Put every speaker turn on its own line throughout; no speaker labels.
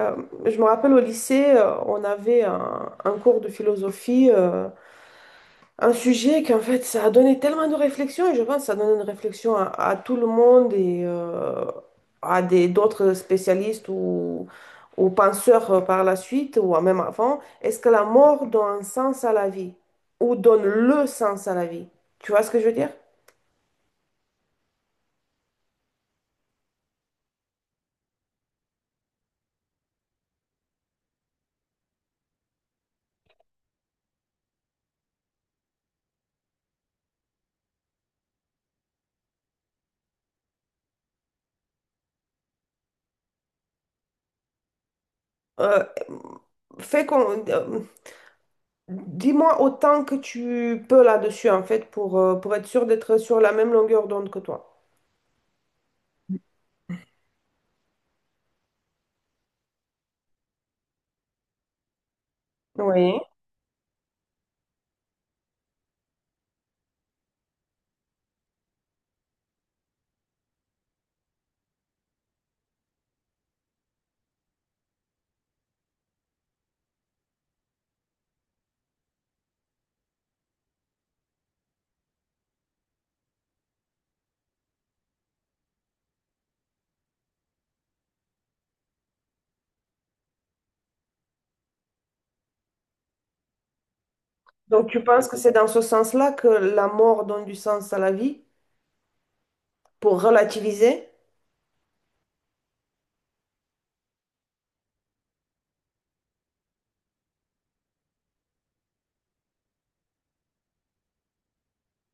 Euh, je me rappelle au lycée, on avait un cours de philosophie, un sujet qu'en fait ça a donné tellement de réflexion, et je pense que ça donne une réflexion à tout le monde et à des d'autres spécialistes ou penseurs par la suite, ou même avant. Est-ce que la mort donne un sens à la vie? Ou donne le sens à la vie? Tu vois ce que je veux dire? Euh, fait qu'on, euh, Dis-moi autant que tu peux là-dessus, en fait, pour être sûr d'être sur la même longueur d'onde que toi. Oui. Donc, tu penses que c'est dans ce sens-là que la mort donne du sens à la vie, pour relativiser?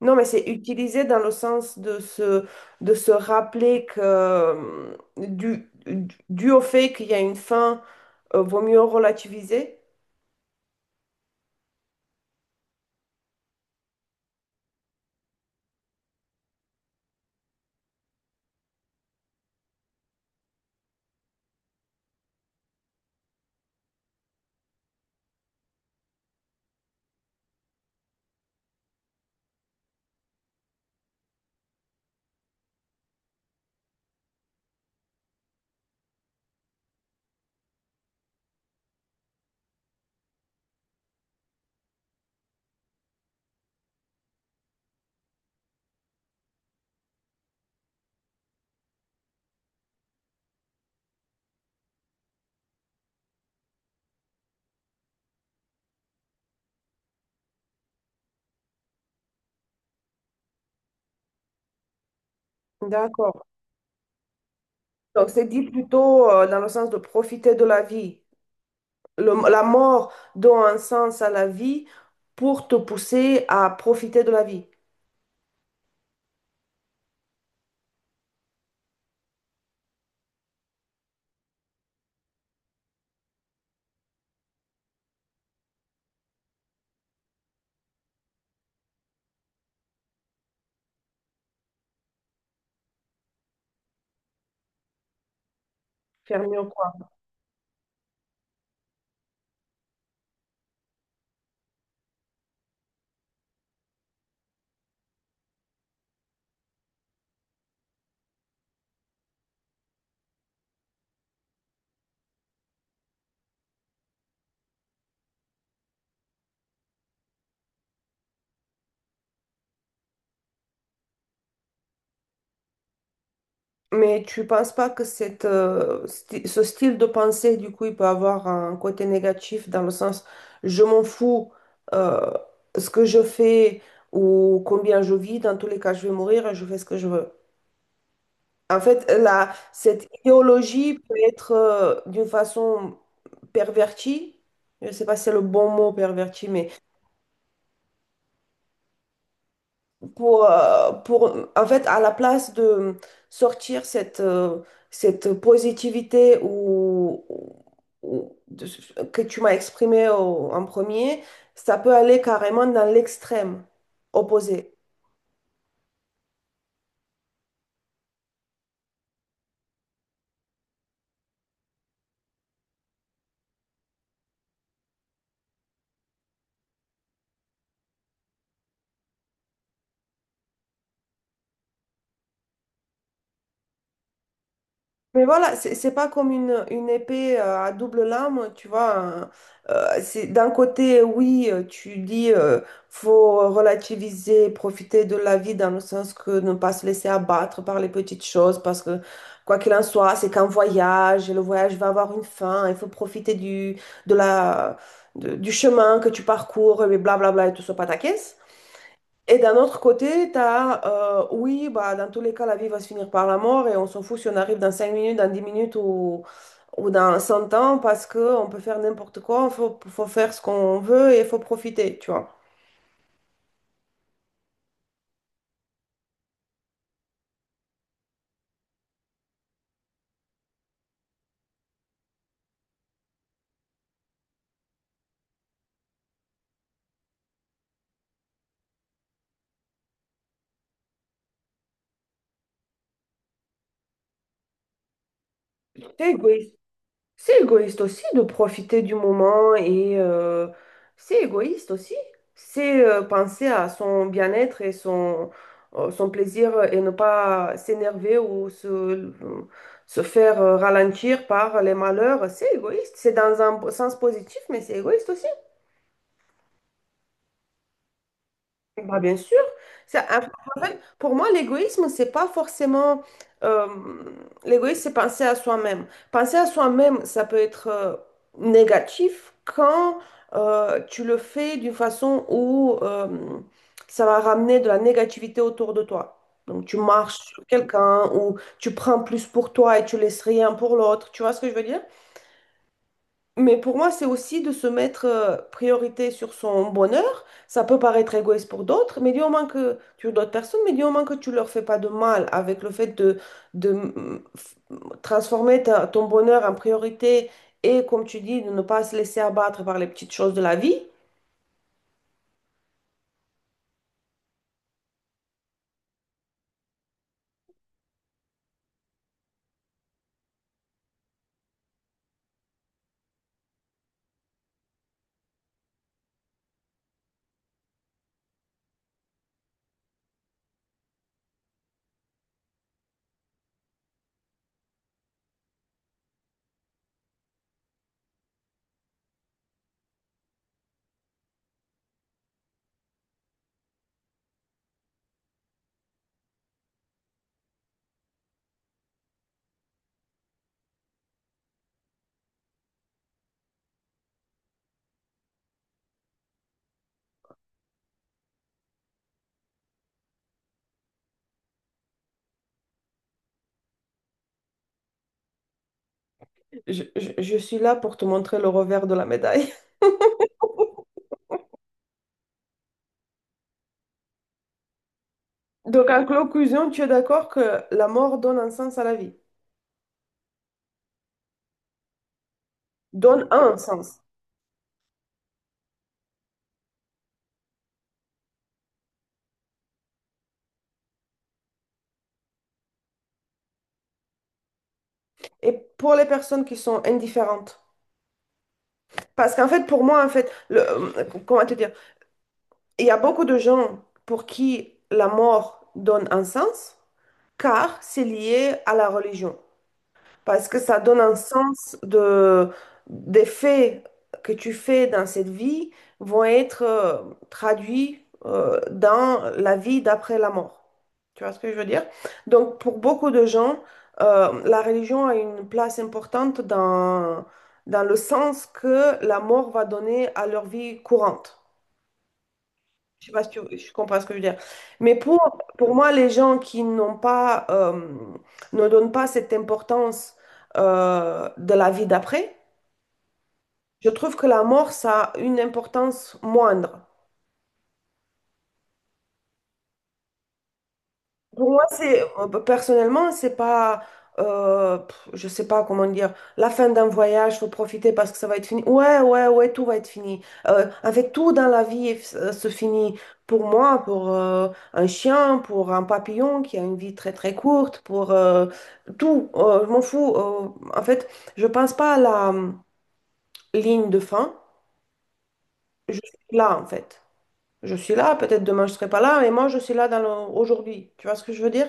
Non, mais c'est utilisé dans le sens de se rappeler que, dû au fait qu'il y a une fin, vaut mieux relativiser. D'accord. Donc, c'est dit plutôt, dans le sens de profiter de la vie. La mort donne un sens à la vie pour te pousser à profiter de la vie. Faire mieux quoi. Mais tu penses pas que cette, ce style de pensée, du coup, il peut avoir un côté négatif dans le sens je m'en fous euh, ce que je fais ou combien je vis, dans tous les cas, je vais mourir et je fais ce que je veux. En fait, la, cette idéologie peut être d'une façon pervertie, je ne sais pas si c'est le bon mot perverti, mais pour en fait, à la place de sortir cette, cette positivité ou, ou- de- que tu m'as exprimée en premier, ça peut aller carrément dans l'extrême opposé. Mais voilà, c'est pas comme une épée à double lame, tu vois. Hein. C'est d'un côté, oui, tu dis faut relativiser, profiter de la vie dans le sens que ne pas se laisser abattre par les petites choses, parce que quoi qu'il en soit, c'est qu'un voyage, et le voyage va avoir une fin, il faut profiter du, de la, du chemin que tu parcours, et blablabla, et tout ça, pataquès. Et d'un autre côté, tu as, oui, bah, dans tous les cas, la vie va se finir par la mort et on s'en fout si on arrive dans 5 minutes, dans 10 minutes ou dans 100 ans parce qu'on peut faire n'importe quoi, faut faire ce qu'on veut et il faut profiter, tu vois. C'est égoïste. C'est égoïste aussi de profiter du moment et c'est égoïste aussi. C'est penser à son bien-être et son, son plaisir et ne pas s'énerver ou se faire ralentir par les malheurs. C'est égoïste. C'est dans un sens positif, mais c'est égoïste aussi. Bah, bien sûr. Ça, en fait, pour moi, l'égoïsme, c'est pas forcément. euh, L'égoïsme, c'est penser à soi-même. Penser à soi-même, ça peut être négatif quand tu le fais d'une façon où ça va ramener de la négativité autour de toi. Donc, tu marches sur quelqu'un ou tu prends plus pour toi et tu laisses rien pour l'autre. Tu vois ce que je veux dire? Mais pour moi, c'est aussi de se mettre priorité sur son bonheur. Ça peut paraître égoïste pour d'autres, mais du moment que tu d'autres personnes, mais du moment que tu leur fais pas de mal avec le fait de transformer ton bonheur en priorité et, comme tu dis, de ne pas se laisser abattre par les petites choses de la vie, je, je suis là pour te montrer le revers de la médaille. Donc, en conclusion, tu es d'accord que la mort donne un sens à la vie, donne un sens. Et pour les personnes qui sont indifférentes. Parce qu'en fait, pour moi, en fait, le, comment te dire, il y a beaucoup de gens pour qui la mort donne un sens, car c'est lié à la religion parce que ça donne un sens de, des faits que tu fais dans cette vie vont être traduits dans la vie d'après la mort. Tu vois ce que je veux dire? Donc, pour beaucoup de gens, la religion a une place importante dans, dans le sens que la mort va donner à leur vie courante. Je sais pas si tu, je comprends ce que je veux dire. Mais pour moi, les gens qui n'ont pas, ne donnent pas cette importance de la vie d'après, je trouve que la mort, ça a une importance moindre. Pour moi, c'est bah, personnellement, c'est pas, je sais pas comment dire, la fin d'un voyage, faut profiter parce que ça va être fini. Ouais, ouais, ouais, tout va être fini. En fait, tout dans la vie se finit. Pour moi, pour un chien, pour un papillon qui a une vie très très courte, pour tout, je m'en fous. En fait, je pense pas à la ligne de fin. Je suis là, en fait. Je suis là. Peut-être demain je serai pas là, mais moi je suis là dans aujourd'hui. Tu vois ce que je veux dire?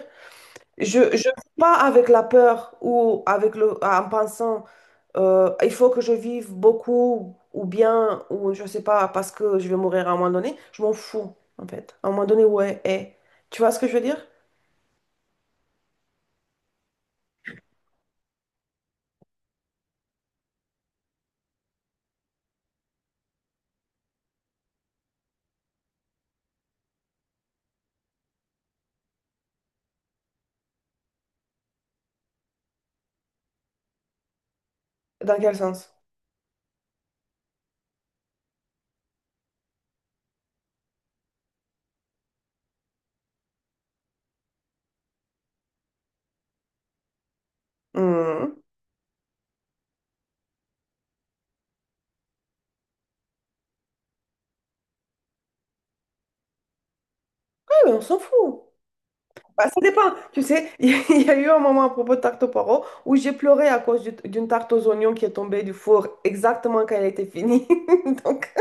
Je ne vis pas avec la peur ou avec le, en pensant il faut que je vive beaucoup ou bien, ou je sais pas, parce que je vais mourir à un moment donné. Je m'en fous, en fait. À un moment donné, ouais, eh. Tu vois ce que je veux dire? Dans quel sens? Hmm. Ouais, mais on s'en fout. Bah, ça dépend. Tu sais, il y a eu un moment à propos de tarte aux poireaux où j'ai pleuré à cause d'une tarte aux oignons qui est tombée du four exactement quand elle était finie. Donc.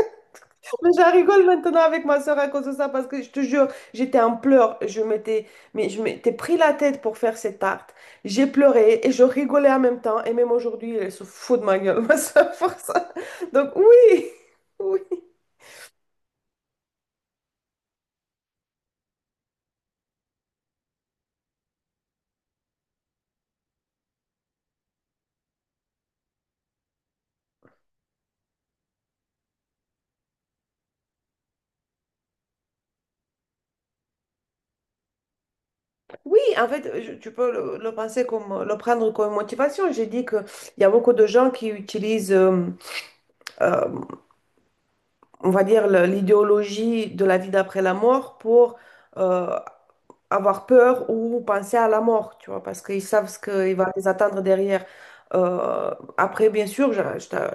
Mais je rigole maintenant avec ma soeur à cause de ça parce que je te jure, j'étais en pleurs. Je m'étais, mais je m'étais pris la tête pour faire cette tarte. J'ai pleuré et je rigolais en même temps. Et même aujourd'hui, elle se fout de ma gueule, ma soeur, pour ça. Donc oui, oui. Oui, en fait, tu peux le penser comme, le prendre comme motivation. J'ai dit qu'il y a beaucoup de gens qui utilisent, euh, on va dire, l'idéologie de la vie d'après la mort pour... euh, avoir peur ou penser à la mort, tu vois, parce qu'ils savent ce qu'il va les attendre derrière. Euh, Après, bien sûr, je,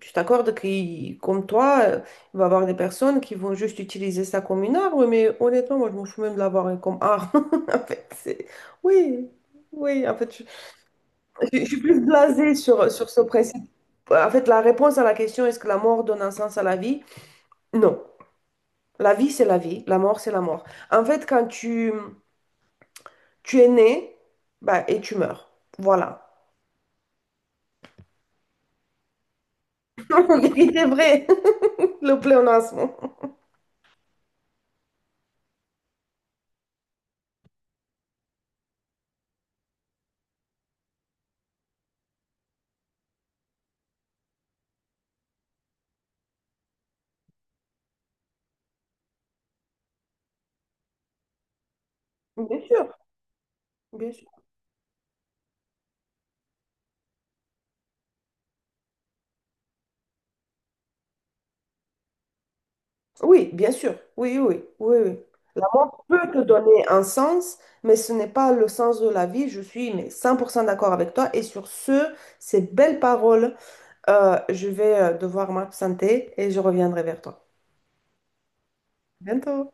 je t'accorde que, comme toi, il va y avoir des personnes qui vont juste utiliser ça comme une arme, mais honnêtement, moi, je m'en fous même de l'avoir hein, comme arme. En fait, c'est... Oui, oui, en fait, je, je suis plus blasée sur, sur ce principe. En fait, la réponse à la question, est-ce que la mort donne un sens à la vie? Non. La vie, c'est la vie, la mort, c'est la mort. En fait, quand tu tu es né, bah, et tu meurs. Voilà. En vérité vrai, le pléonasme. Bien sûr, bien sûr. Oui, bien sûr. Oui, oui, oui, oui. La mort peut te donner un sens, mais ce n'est pas le sens de la vie. Je suis mais 100% d'accord avec toi. Et sur ce, ces belles paroles, je vais devoir m'absenter et je reviendrai vers toi. À Bientôt.